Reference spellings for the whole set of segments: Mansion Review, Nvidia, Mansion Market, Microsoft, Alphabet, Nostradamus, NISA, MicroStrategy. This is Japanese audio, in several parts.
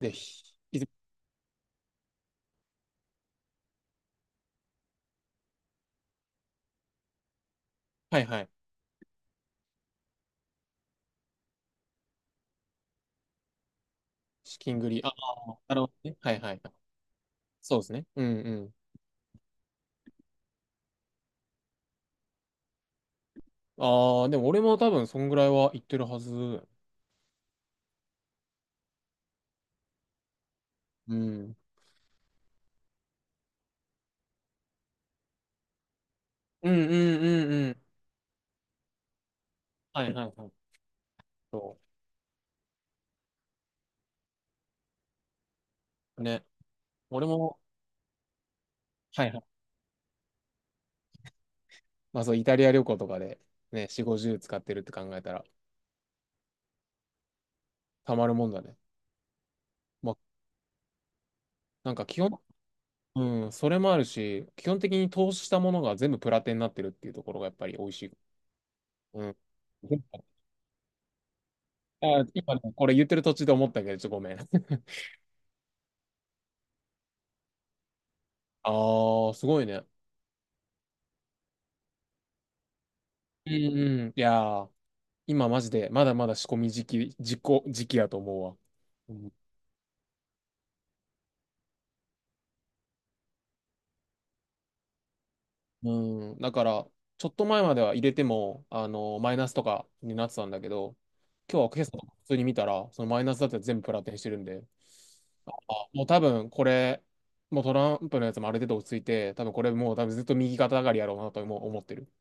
で、はいはい。資金繰り。あ、なるほどね。はいはい。そうですね。うんうん。ああ、でも俺も多分そんぐらいは言ってるはず。うん。うんうんうんうん。はいはいはい。そう。ね。俺も、はいはい。まあそう、イタリア旅行とかで、ね、4、50使ってるって考えたら、たまるもんだね。まあ、なんか基本、うん、それもあるし、基本的に投資したものが全部プラテになってるっていうところがやっぱり美味しい。うん。あ、今ね、これ言ってる途中で思ったけど、ちょっとごめん。ああ、すごいね。うんうん。いやー、今マジで、まだまだ仕込み時期やと思うわ。うんうん。だから、ちょっと前までは入れても、マイナスとかになってたんだけど、今日は今朝普通に見たら、そのマイナスだって全部プラテンしてるんで、あ、もう多分これ、もうトランプのやつもある程度落ち着いて、多分これもう多分ずっと右肩上がりやろうなとも思ってる。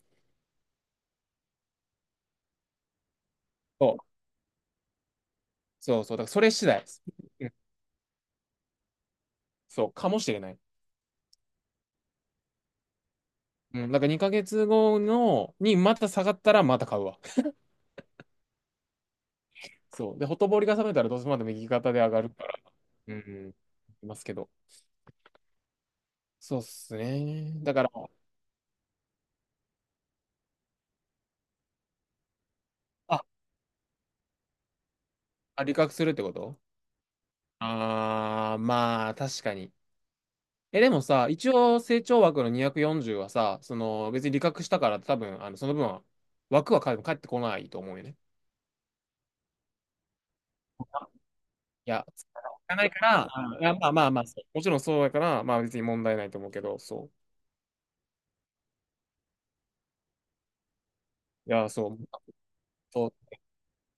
そうそうそう、だからそれ次第です。うん、そう、かもしれない。うん、だから2ヶ月後の、にまた下がったらまた買うわ。そう。で、ほとぼりが冷めたらどうせまた右肩で上がるから。うん。いますけど。そうっすね。だから、あ、あ利確するってこと？あー、まあ、確かに。え、でもさ、一応成長枠の240はさ、その、別に利確したから多分、その分は、枠は返ってこないと思うよね。いや、つかないから、あいやまあまあまあ、そうもちろんそうだから、まあ別に問題ないと思うけど、そう。いや、そう。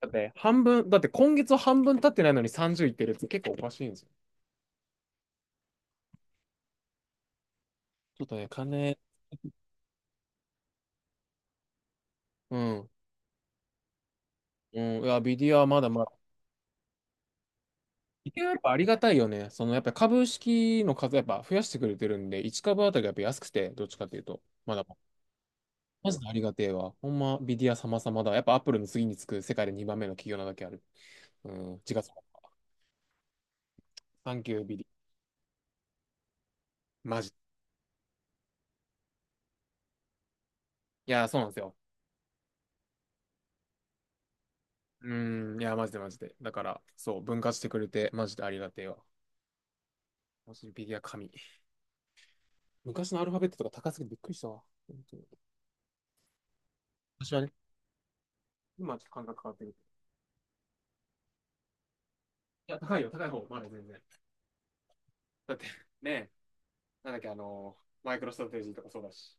だってね半分、だって今月半分経ってないのに30いってるって結構おかしいんですよ。ちょっとね、金、うん。うん、いや、ビディアはまだまだ。ビディアはやっぱありがたいよね。そのやっぱ株式の数やっぱ増やしてくれてるんで、1株あたりやっぱ安くて、どっちかというと、まだ、マジでありがてえわ。ほんま、ビディア様々だ。やっぱアップルの次につく世界で2番目の企業なだけある。うん、違う、サンキュービディア。マジ。いや、そうなんですよ。うーん、いや、マジでマジで。だから、そう、分割してくれて、マジでありがてえわ。マジでビディア神。昔のアルファベットとか高すぎてびっくりしたわ。本当に私はね、今はちょっと感覚変わってる。いや、高いよ、高い方、まだ全然。だって、ね、なんだっけ、マイクロストラテジーとかそうだし。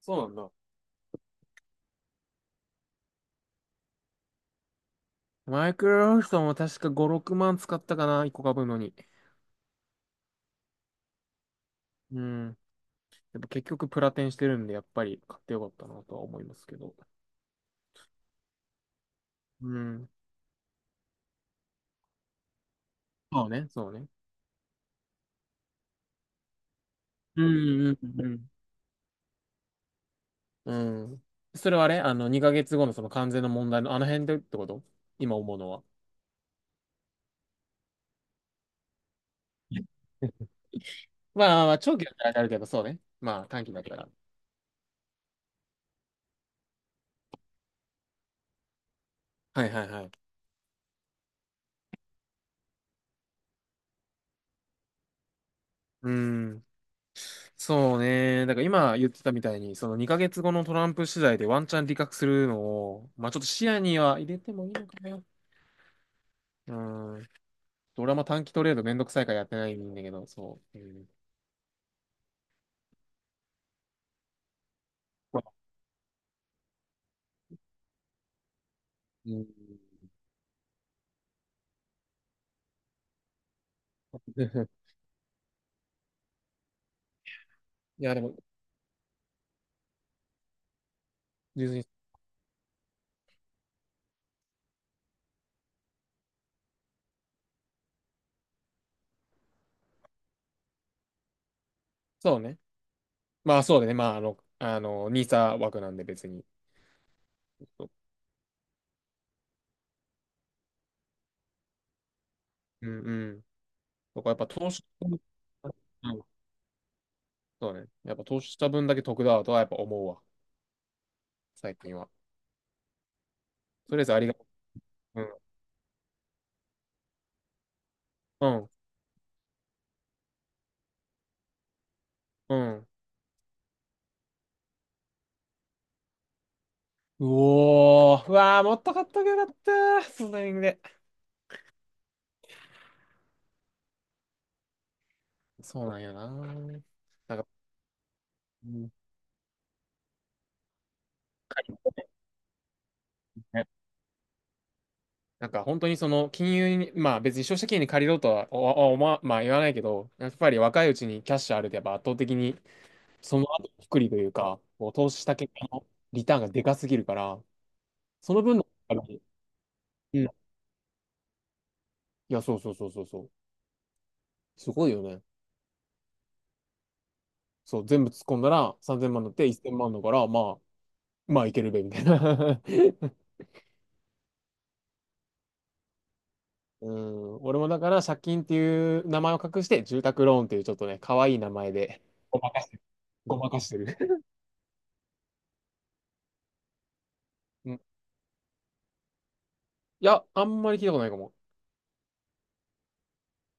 そうなんだ。マイクロソフトも確か5、6万使ったかな、1個買うのに。うん。やっぱ結局プラテンしてるんで、やっぱり買ってよかったなとは思いますけど。うん。そうね、そうね。うんうんうん。うん。それはあれあの、2ヶ月後のその完全の問題のあの辺でってこと？今思うのは。まあまあまあ、長期だったらあれだけど、そうね。まあ短期だったら。はいはいはい。うーん。そうね。だから今言ってたみたいに、その2ヶ月後のトランプ次第でワンチャン利確するのを、まあちょっと視野には入れてもいいのかな。うーん。俺はも短期トレードめんどくさいからやってないんだけど、そう。うん。うん。 いや、でも、別に、そうね。まあそうだね。まあニーサ枠なんで別に。うんうん。とかやっぱ投資、うん、そうね。やっぱ投資した分だけ得だとはやっぱ思うわ。最近は。とりあえずありがとう。うん。うん。うん。うおー。うわー、もっと買っとけよかった。そのタイミングで。そうなんやな。なんか、うん、ね、なんか本当にその金融に、まあ別に消費者金融に借りろとはおおおま、まあ言わないけど、やっぱり若いうちにキャッシュあるとやっぱ圧倒的にその後くくりというか、こう投資した結果のリターンがでかすぎるから、その分の、うん、いや、そうそうそうそうそう。すごいよね。そう、全部突っ込んだら3000万になって1000万だから、まあ、まあいけるべ、みたいな。うん、俺もだから借金っていう名前を隠して、住宅ローンっていうちょっとね、可愛い名前で、ごまかしてる。ごまかしてる。うん、いや、あんまり聞いたことないかも。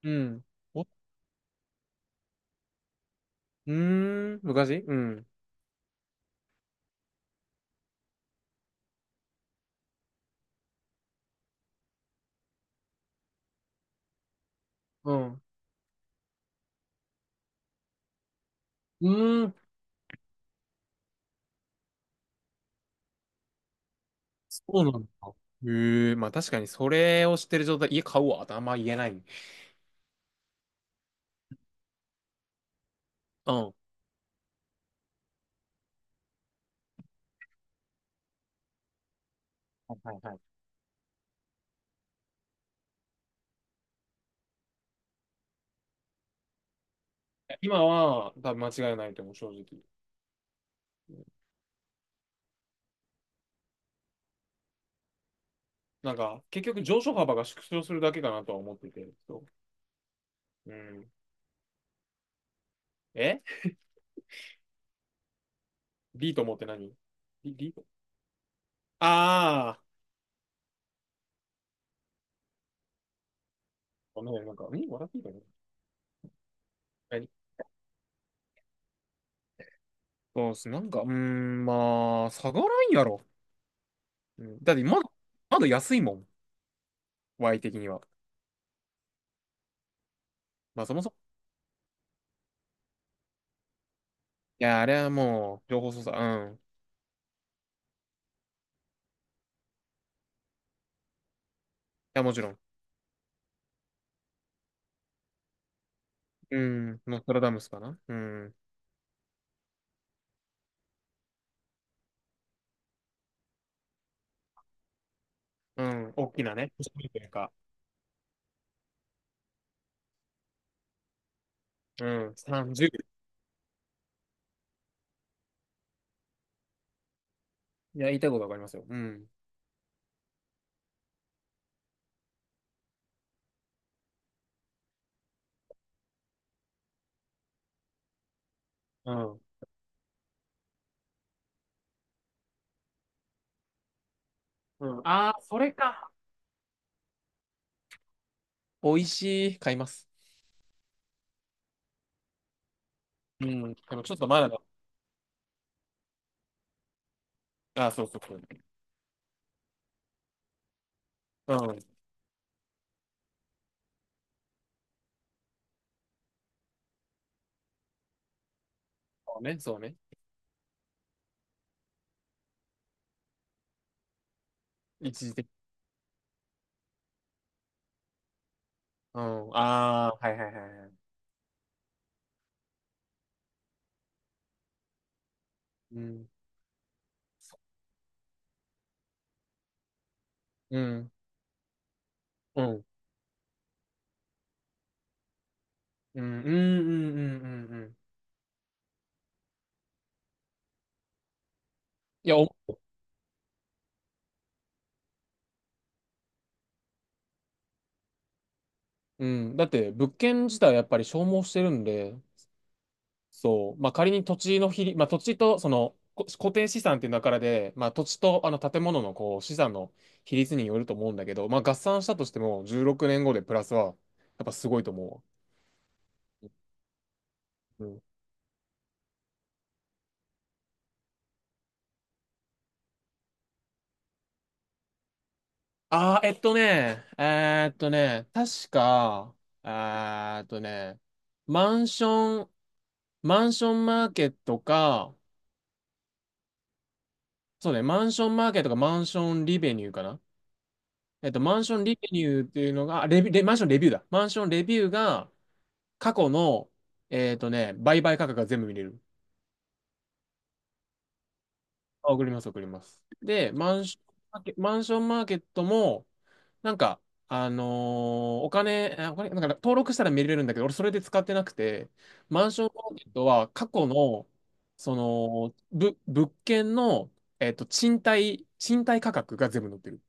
うん。お、うーん、昔うん。うん。うーん、そうなんだ。へえ、まあ確かにそれを知ってる状態、家買うわってあんま言えない。うん。はいはいはい。今は、多分間違いないと思う、正直。なんか、結局上昇幅が縮小するだけかなとは思ってて。そう。うん。え、リートモって何？リ、リート？ああー。ごめん、なんか、ん、笑っていいかな？何？そうっす。なんか、うーん、まあ、下がらんやろ。うん。だって、まだ、まだ安いもん。Y 的には。まあ、そもそも。いや、あれはもう、情報操作。うん。いや、もちろん。うん。ノストラダムスかな。うん。うん。大きなね。星降りというか。うん。30。いや、言いたいことわかりますよ。うん。うん。うん。ああ、それか。美味しい。買います。うん。でもちょっとまだだ。あ、そうそうそう。うん。そうね、そうね。一時的。うん。ああ、はいはいはいはい。うん。うん。うん。うん。うん。うん。うんうんうん、いや、お、うん。だって物件自体やっぱり消耗してるんで、そう。まあ仮に土地の比率、まあ土地とそのこ固定資産っていう中で、まあ土地とあの建物のこう資産の比率によると思うんだけど、まあ合算したとしても16年後でプラスはやっぱすごいと思うわ。ああ、えっとね、ね、確か、えーっとね、マンション、マンションマーケットか、そうね、マンションマーケットかマンションリベニューかな。マンションリベニューっていうのが、あレビ、レ、マンションレビューだ。マンションレビューが、過去の、売買価格が全部見れる。あ、送ります、送ります。で、マンションマーケットも、なんか、あのーお金、なんか登録したら見れるんだけど、俺それで使ってなくて、マンションマーケットは過去の、その、物件の、賃貸価格が全部載ってる。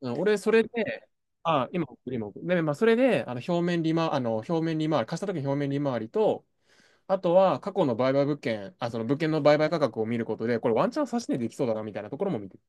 うん、俺、それで、あ、今送る、今送る。で、まあ、それで、表面利回り、貸した時の表面利回りと、あとは、過去の売買物件、あ、その物件の売買価格を見ることで、これワンチャン差し値できそうだな、みたいなところも見てる。